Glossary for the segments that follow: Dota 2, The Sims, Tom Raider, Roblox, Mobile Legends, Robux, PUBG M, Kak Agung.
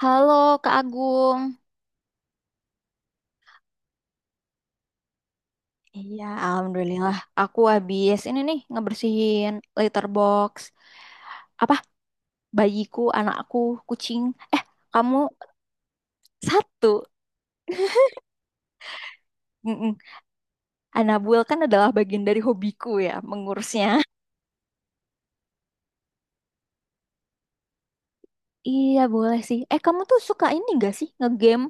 Halo Kak Agung. Iya, alhamdulillah. Aku habis ini nih ngebersihin litter box. Apa? Bayiku, anakku, kucing. Eh, kamu satu. Mm-mm. Anabuel kan adalah bagian dari hobiku ya, mengurusnya. Iya boleh sih. Eh kamu tuh suka ini gak sih ngegame?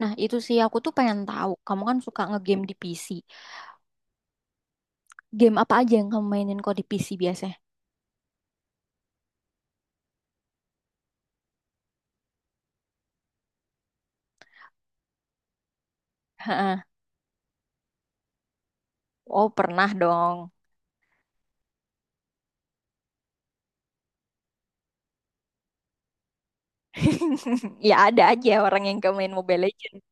Nah itu sih aku tuh pengen tahu. Kamu kan suka ngegame di PC. Game apa aja yang kamu mainin kok di PC biasanya? Heeh. Oh, pernah dong. Ya ada aja orang yang gak main Mobile Legends.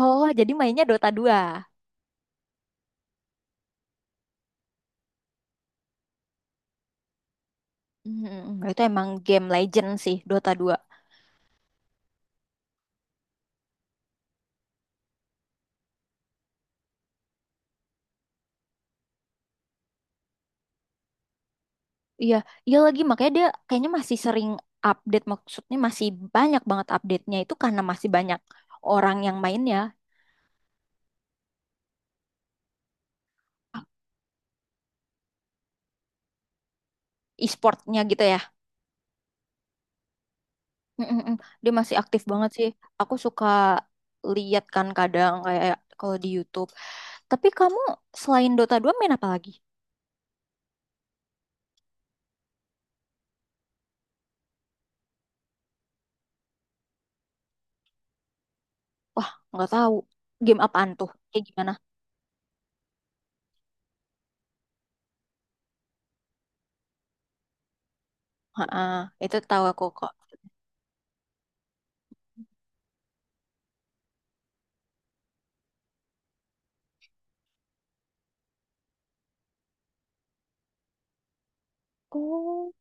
Oh, jadi mainnya Dota 2. Hmm, itu emang game legend sih, Dota 2. Iya, iya, lagi makanya dia kayaknya masih sering update, maksudnya masih banyak banget update-nya itu karena masih banyak orang yang main ya, e-sportnya gitu ya. Hmm, dia masih aktif banget sih. Aku suka lihat kan kadang kayak kalau di YouTube. Tapi kamu selain Dota 2 main apa lagi? Nggak tahu. Game apaan tuh? Kayak gimana? Ha, itu tahu aku kok. Oh,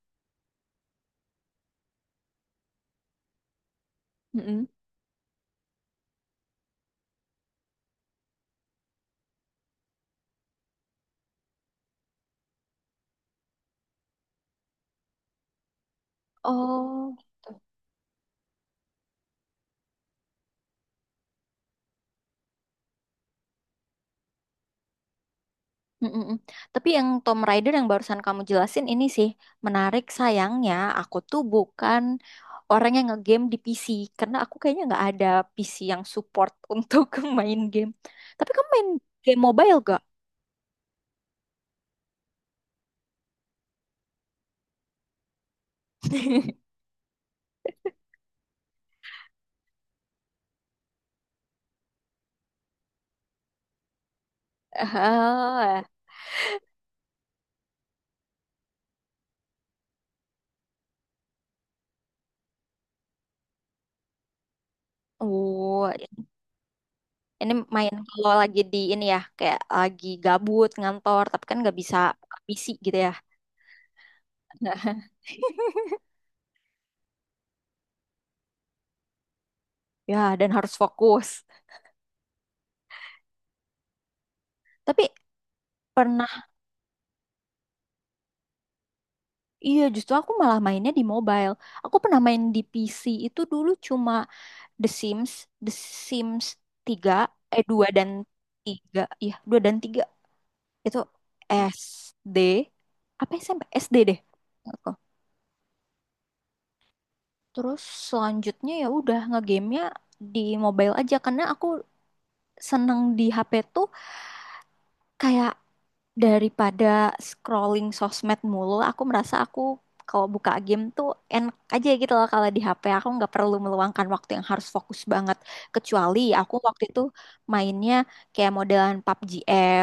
mm-mm. Oh, gitu. Mm-mm. Tapi yang Tom Raider yang barusan kamu jelasin ini sih menarik. Sayangnya aku tuh bukan orang yang ngegame di PC karena aku kayaknya nggak ada PC yang support untuk main game. Tapi kamu main game mobile gak? Ah, oh, ini main kalau lagi di ini ya, kayak lagi gabut ngantor tapi kan nggak bisa PC gitu ya. Ya, dan harus fokus. Tapi pernah. Iya, justru aku malah mainnya di mobile. Aku pernah main di PC itu dulu cuma The Sims, The Sims tiga eh 2 dan 3, iya, 2 dan tiga. Itu SD. Apa SMP? SD deh. Aku. Terus selanjutnya ya udah ngegame-nya di mobile aja karena aku seneng di HP tuh kayak daripada scrolling sosmed mulu, aku merasa aku kalau buka game tuh enak aja gitu loh, kalau di HP aku nggak perlu meluangkan waktu yang harus fokus banget. Kecuali aku waktu itu mainnya kayak modelan PUBG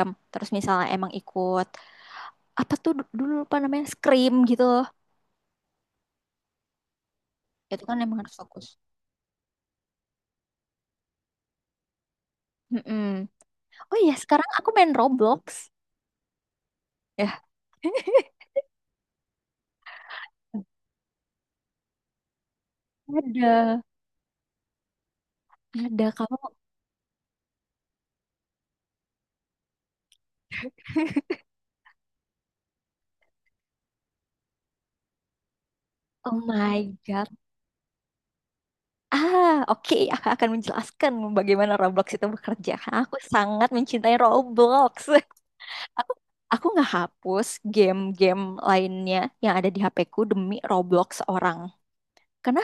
M, terus misalnya emang ikut apa tuh dulu lupa namanya Scream gitu loh, itu kan emang harus fokus. Mm-mm. Oh iya sekarang aku main Roblox ya. ada ada kamu. Oh my God. Ah, oke, aku akan menjelaskan bagaimana Roblox itu bekerja. Karena aku sangat mencintai Roblox. Aku aku nggak hapus game-game lainnya yang ada di HP-ku demi Roblox orang. Karena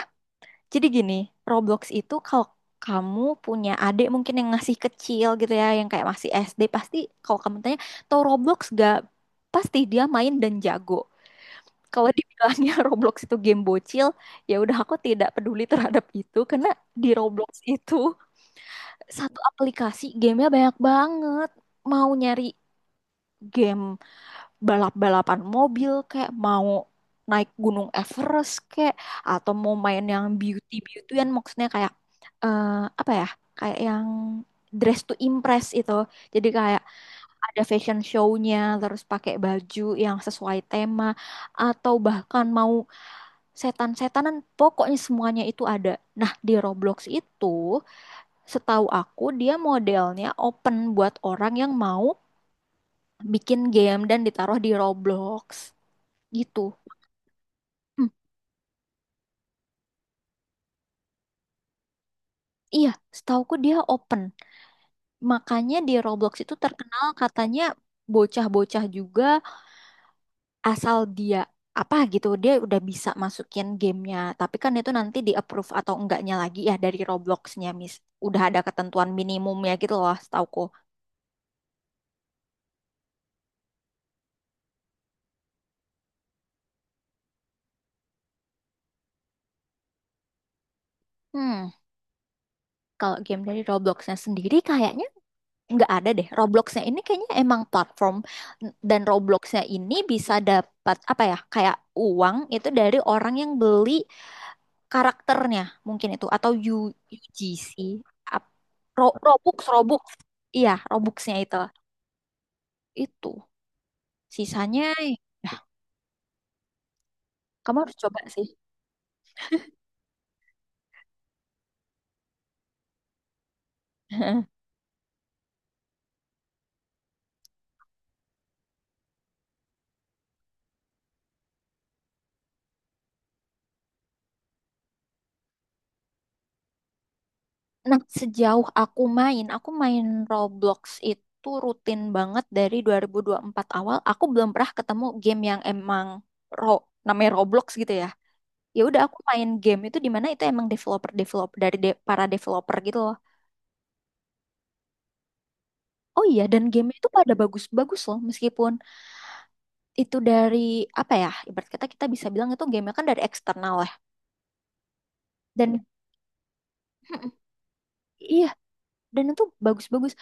jadi gini, Roblox itu kalau kamu punya adik mungkin yang masih kecil gitu ya, yang kayak masih SD, pasti kalau kamu tanya, tau Roblox gak? Pasti dia main dan jago. Kalau dibilangnya Roblox itu game bocil, ya udah aku tidak peduli terhadap itu karena di Roblox itu satu aplikasi gamenya banyak banget. Mau nyari game balap-balapan mobil, kayak mau naik gunung Everest, kayak atau mau main yang beauty beautyan, maksudnya kayak eh, apa ya kayak yang dress to impress itu, jadi kayak ada fashion show-nya terus pakai baju yang sesuai tema, atau bahkan mau setan-setanan, pokoknya semuanya itu ada. Nah di Roblox itu setahu aku dia modelnya open buat orang yang mau bikin game dan ditaruh di Roblox gitu. Hmm, iya, setahuku dia open. Makanya di Roblox itu terkenal katanya bocah-bocah juga asal dia apa gitu dia udah bisa masukin gamenya. Tapi kan itu nanti di approve atau enggaknya lagi ya dari Robloxnya, Miss. Udah ada ketentuan minimumnya gitu loh, setahuku. Hmm, kalau game dari Robloxnya sendiri kayaknya nggak ada deh. Robloxnya ini kayaknya emang platform, dan Robloxnya ini bisa dapat apa ya kayak uang itu dari orang yang beli karakternya mungkin. Itu atau UGC, Ap- Robux Robux, iya Robuxnya itu sisanya. Kamu harus coba sih. Nah sejauh aku main Roblox itu rutin banget dari dua ribu empat awal, aku belum pernah ketemu game yang emang ro namanya Roblox gitu ya. Ya udah aku main game itu di mana itu emang developer developer dari para developer gitu loh. Oh iya dan game itu pada bagus-bagus loh meskipun itu dari, apa ya, ibarat kata kita bisa bilang itu game kan dari eksternal ya, dan Mm-mm, iya, dan itu bagus-bagus.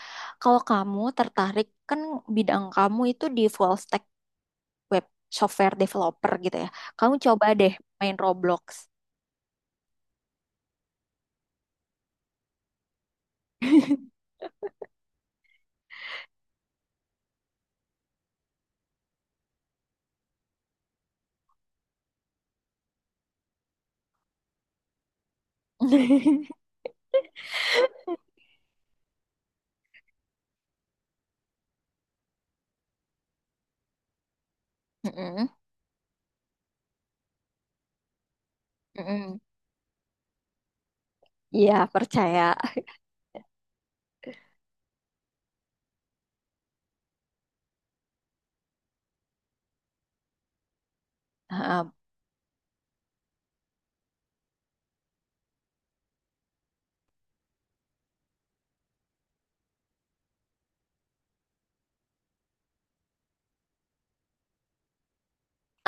Kalau kamu tertarik kan bidang kamu itu di full stack web software developer gitu ya, kamu coba deh main Roblox. Mm-mm. Mm-mm. Iya percaya. Um,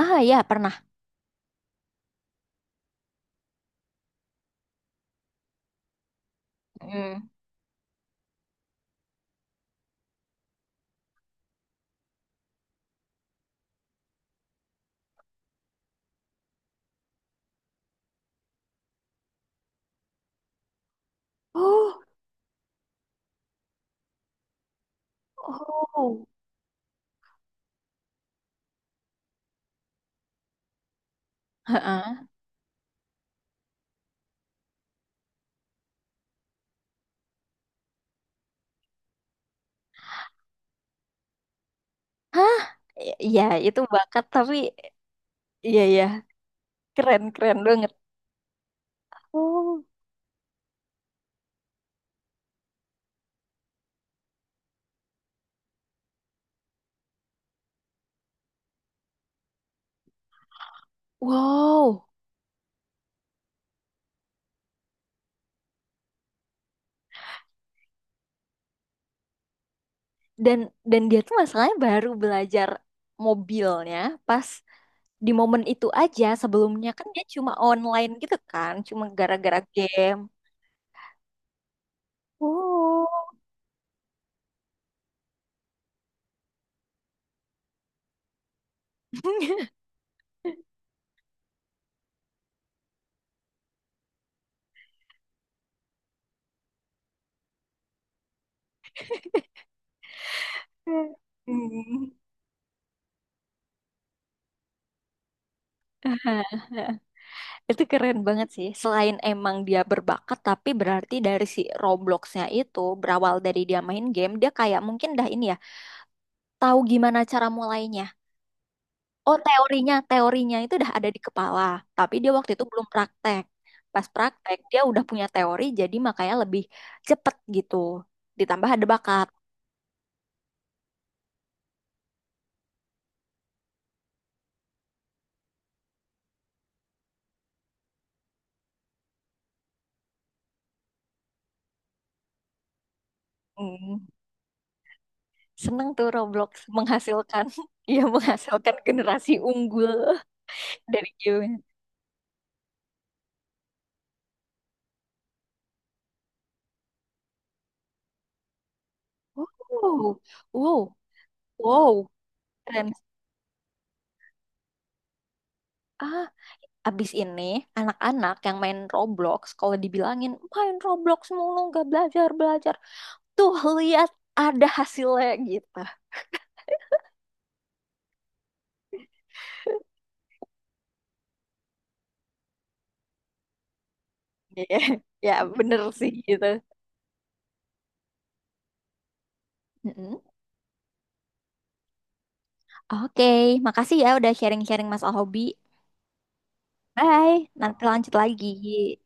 ah ya pernah. Oh. Heeh. Hah? Ya, itu bakat tapi ya, ya, keren-keren banget. Oh. Wow. Dan dan dia tuh masalahnya baru belajar mobilnya pas di momen itu aja. Sebelumnya kan dia cuma online gitu kan, cuma gara-gara game. Oh. Hmm. Itu keren banget sih. Selain emang dia berbakat, tapi berarti dari si Robloxnya itu berawal dari dia main game, dia kayak mungkin dah ini ya, tahu gimana cara mulainya. Oh, teorinya itu udah ada di kepala, tapi dia waktu itu belum praktek. Pas praktek, dia udah punya teori, jadi makanya lebih cepet gitu. Ditambah ada bakat. Hmm, seneng tuh Roblox menghasilkan, ya menghasilkan generasi unggul dari game. Wow, wow, wow. Keren. Ah, abis ini anak-anak yang main Roblox, kalau dibilangin main Roblox mulu nggak belajar belajar, tuh lihat ada hasilnya gitu. Iya, ya bener sih gitu. Mm-mm. Oke, makasih ya udah sharing-sharing masalah hobi. Bye, nanti lanjut lagi.